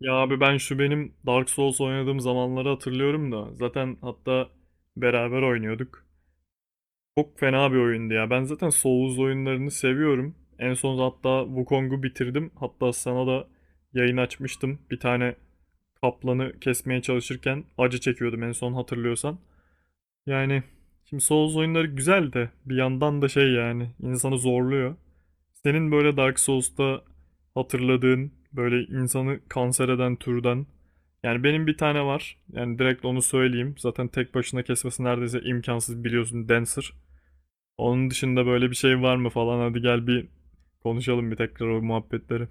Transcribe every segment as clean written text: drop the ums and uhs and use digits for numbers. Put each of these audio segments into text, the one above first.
Ya abi ben şu benim Dark Souls oynadığım zamanları hatırlıyorum da zaten hatta beraber oynuyorduk. Çok fena bir oyundu ya. Ben zaten Souls oyunlarını seviyorum. En son hatta Wukong'u bitirdim. Hatta sana da yayın açmıştım. Bir tane kaplanı kesmeye çalışırken acı çekiyordum en son hatırlıyorsan. Yani şimdi Souls oyunları güzel de bir yandan da şey yani insanı zorluyor. Senin böyle Dark Souls'ta hatırladığın böyle insanı kanser eden türden. Yani benim bir tane var. Yani direkt onu söyleyeyim. Zaten tek başına kesmesi neredeyse imkansız biliyorsun Dancer. Onun dışında böyle bir şey var mı falan, hadi gel bir konuşalım bir tekrar o muhabbetleri.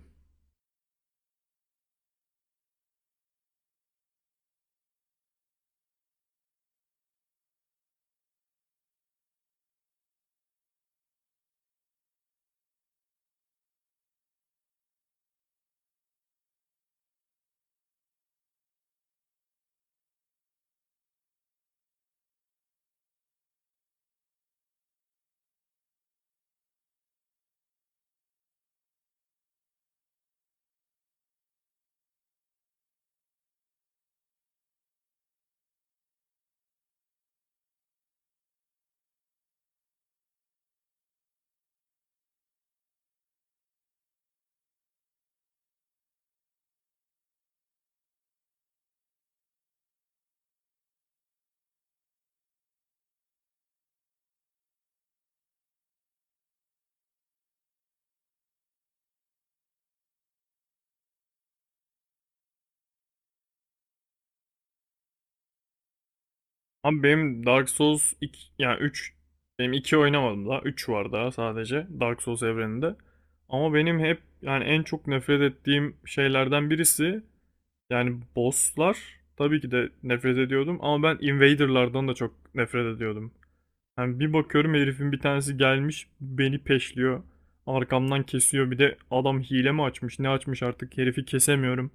Abi benim Dark Souls iki, yani üç, benim 2 oynamadım daha, 3 var daha sadece Dark Souls evreninde. Ama benim hep yani en çok nefret ettiğim şeylerden birisi, yani bosslar tabii ki de nefret ediyordum ama ben invaderlardan da çok nefret ediyordum. Yani bir bakıyorum herifin bir tanesi gelmiş beni peşliyor. Arkamdan kesiyor, bir de adam hile mi açmış ne açmış artık herifi kesemiyorum.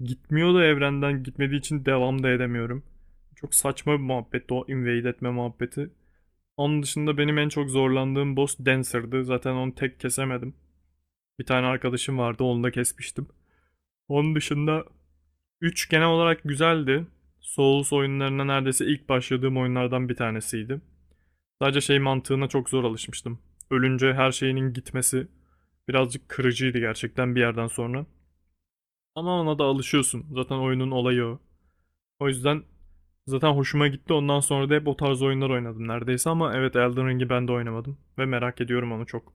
Gitmiyor da evrenden, gitmediği için devam da edemiyorum. Çok saçma bir muhabbetti o invade etme muhabbeti. Onun dışında benim en çok zorlandığım boss Dancer'dı. Zaten onu tek kesemedim. Bir tane arkadaşım vardı, onu da kesmiştim. Onun dışında üç genel olarak güzeldi. Souls oyunlarına neredeyse ilk başladığım oyunlardan bir tanesiydi. Sadece şey mantığına çok zor alışmıştım. Ölünce her şeyinin gitmesi birazcık kırıcıydı gerçekten bir yerden sonra. Ama ona da alışıyorsun. Zaten oyunun olayı o. O yüzden zaten hoşuma gitti. Ondan sonra da hep o tarz oyunlar oynadım neredeyse ama evet, Elden Ring'i ben de oynamadım. Ve merak ediyorum onu çok.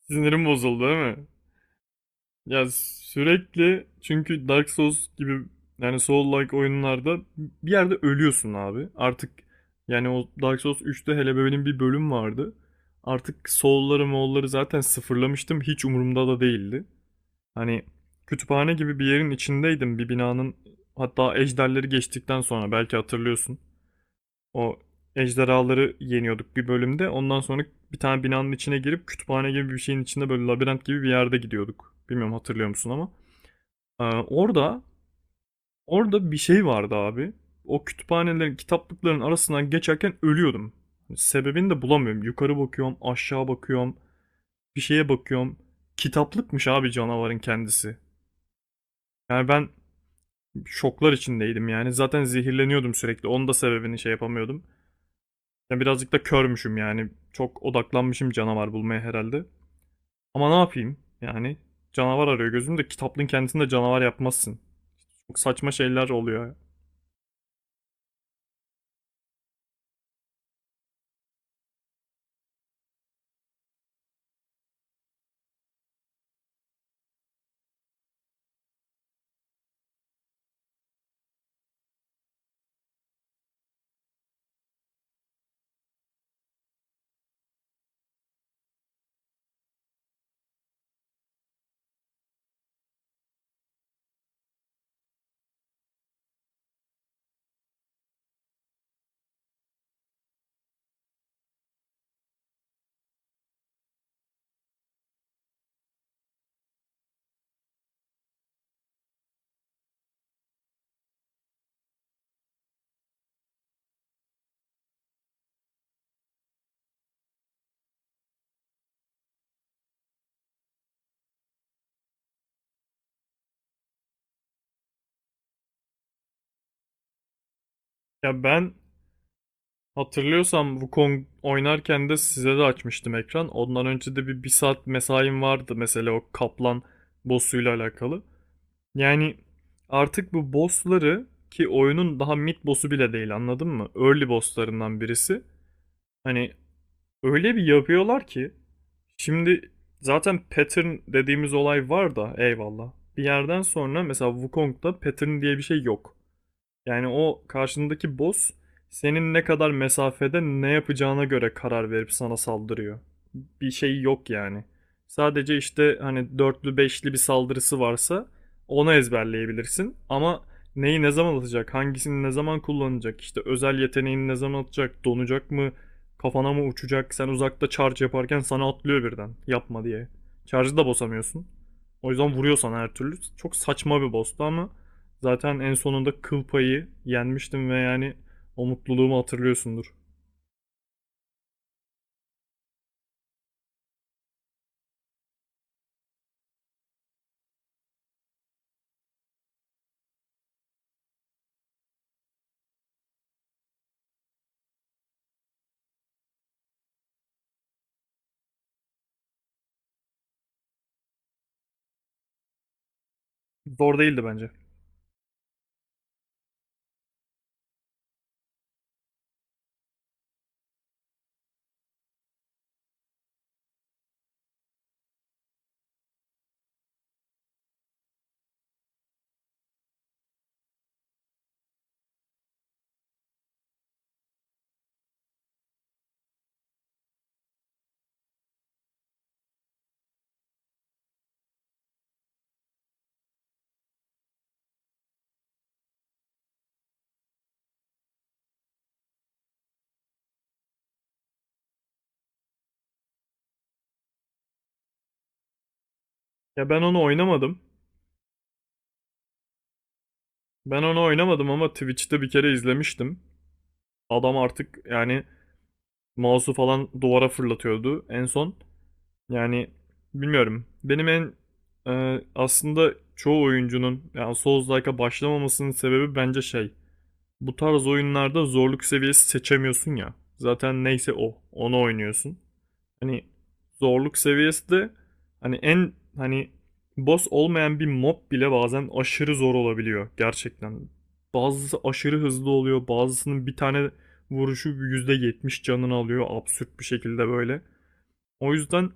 Sinirim bozuldu değil mi? Ya, sürekli çünkü Dark Souls gibi, yani Soul-like oyunlarda bir yerde ölüyorsun abi. Artık yani o Dark Souls 3'te hele benim bir bölüm vardı. Artık Soul'ları Moll'ları zaten sıfırlamıştım. Hiç umurumda da değildi. Hani kütüphane gibi bir yerin içindeydim. Bir binanın, hatta ejderleri geçtikten sonra belki hatırlıyorsun. O ejderhaları yeniyorduk bir bölümde. Ondan sonra bir tane binanın içine girip kütüphane gibi bir şeyin içinde böyle labirent gibi bir yerde gidiyorduk. Bilmiyorum hatırlıyor musun ama. Ee, orada orada bir şey vardı abi. O kütüphanelerin, kitaplıkların arasından geçerken ölüyordum. Hani sebebini de bulamıyorum. Yukarı bakıyorum, aşağı bakıyorum, bir şeye bakıyorum. Kitaplıkmış abi canavarın kendisi. Yani ben şoklar içindeydim yani. Zaten zehirleniyordum sürekli. Onun da sebebini şey yapamıyordum. Yani birazcık da körmüşüm yani. Çok odaklanmışım canavar bulmaya herhalde. Ama ne yapayım? Yani canavar arıyor gözümde. Kitaplığın kendisinde canavar yapmazsın. Çok saçma şeyler oluyor. Ya ben hatırlıyorsam Wukong oynarken de size de açmıştım ekran. Ondan önce de bir saat mesaim vardı mesela o kaplan boss'uyla alakalı. Yani artık bu boss'ları, ki oyunun daha mid boss'u bile değil anladın mı? Early boss'larından birisi. Hani öyle bir yapıyorlar ki, şimdi zaten pattern dediğimiz olay var da eyvallah. Bir yerden sonra mesela Wukong'da pattern diye bir şey yok. Yani o karşındaki boss senin ne kadar mesafede ne yapacağına göre karar verip sana saldırıyor, bir şey yok yani. Sadece işte hani dörtlü beşli bir saldırısı varsa onu ezberleyebilirsin. Ama neyi ne zaman atacak, hangisini ne zaman kullanacak, işte özel yeteneğini ne zaman atacak, donacak mı, kafana mı uçacak, sen uzakta charge yaparken sana atlıyor birden, yapma diye. Charge'ı da bozamıyorsun. O yüzden vuruyor sana her türlü. Çok saçma bir boss'tu ama zaten en sonunda kıl payı yenmiştim ve yani o mutluluğumu hatırlıyorsundur. Zor değildi bence. Ya ben onu oynamadım. Ben onu oynamadım ama Twitch'te bir kere izlemiştim. Adam artık yani mouse'u falan duvara fırlatıyordu en son. Yani bilmiyorum. Benim aslında çoğu oyuncunun yani Souls-like'a başlamamasının sebebi bence şey. Bu tarz oyunlarda zorluk seviyesi seçemiyorsun ya. Zaten neyse o. Onu oynuyorsun. Hani zorluk seviyesi de hani en hani boss olmayan bir mob bile bazen aşırı zor olabiliyor gerçekten. Bazısı aşırı hızlı oluyor, bazısının bir tane vuruşu %70 canını alıyor absürt bir şekilde böyle. O yüzden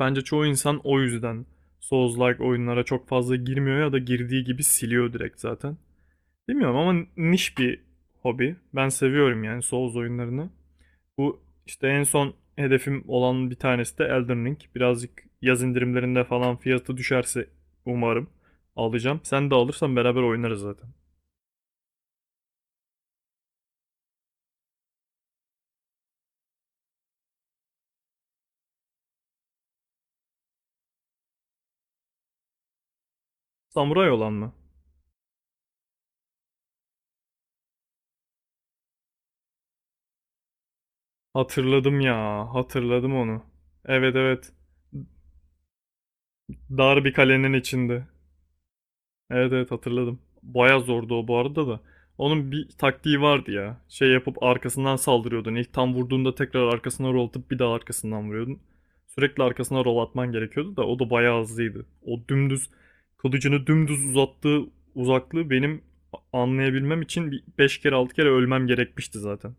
bence çoğu insan o yüzden Souls-like oyunlara çok fazla girmiyor ya da girdiği gibi siliyor direkt zaten. Bilmiyorum ama niş bir hobi. Ben seviyorum yani Souls oyunlarını. Bu işte en son hedefim olan bir tanesi de Elden Ring. Birazcık yaz indirimlerinde falan fiyatı düşerse umarım alacağım. Sen de alırsan beraber oynarız zaten. Samuray olan mı? Hatırladım ya, hatırladım onu. Evet, evet. Dar bir kalenin içinde. Evet, evet, hatırladım. Baya zordu o bu arada da. Onun bir taktiği vardı ya. Şey yapıp arkasından saldırıyordun. İlk tam vurduğunda tekrar arkasına rol atıp bir daha arkasından vuruyordun. Sürekli arkasına rol atman gerekiyordu da o da bayağı hızlıydı. O dümdüz kılıcını dümdüz uzattığı uzaklığı benim anlayabilmem için bir 5 kere 6 kere ölmem gerekmişti zaten.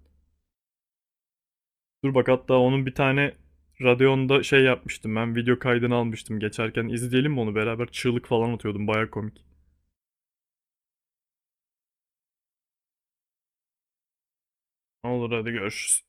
Dur bak hatta onun bir tane Radeon'da şey yapmıştım, ben video kaydını almıştım, geçerken izleyelim mi onu beraber, çığlık falan atıyordum baya komik. Olur, hadi görüşürüz.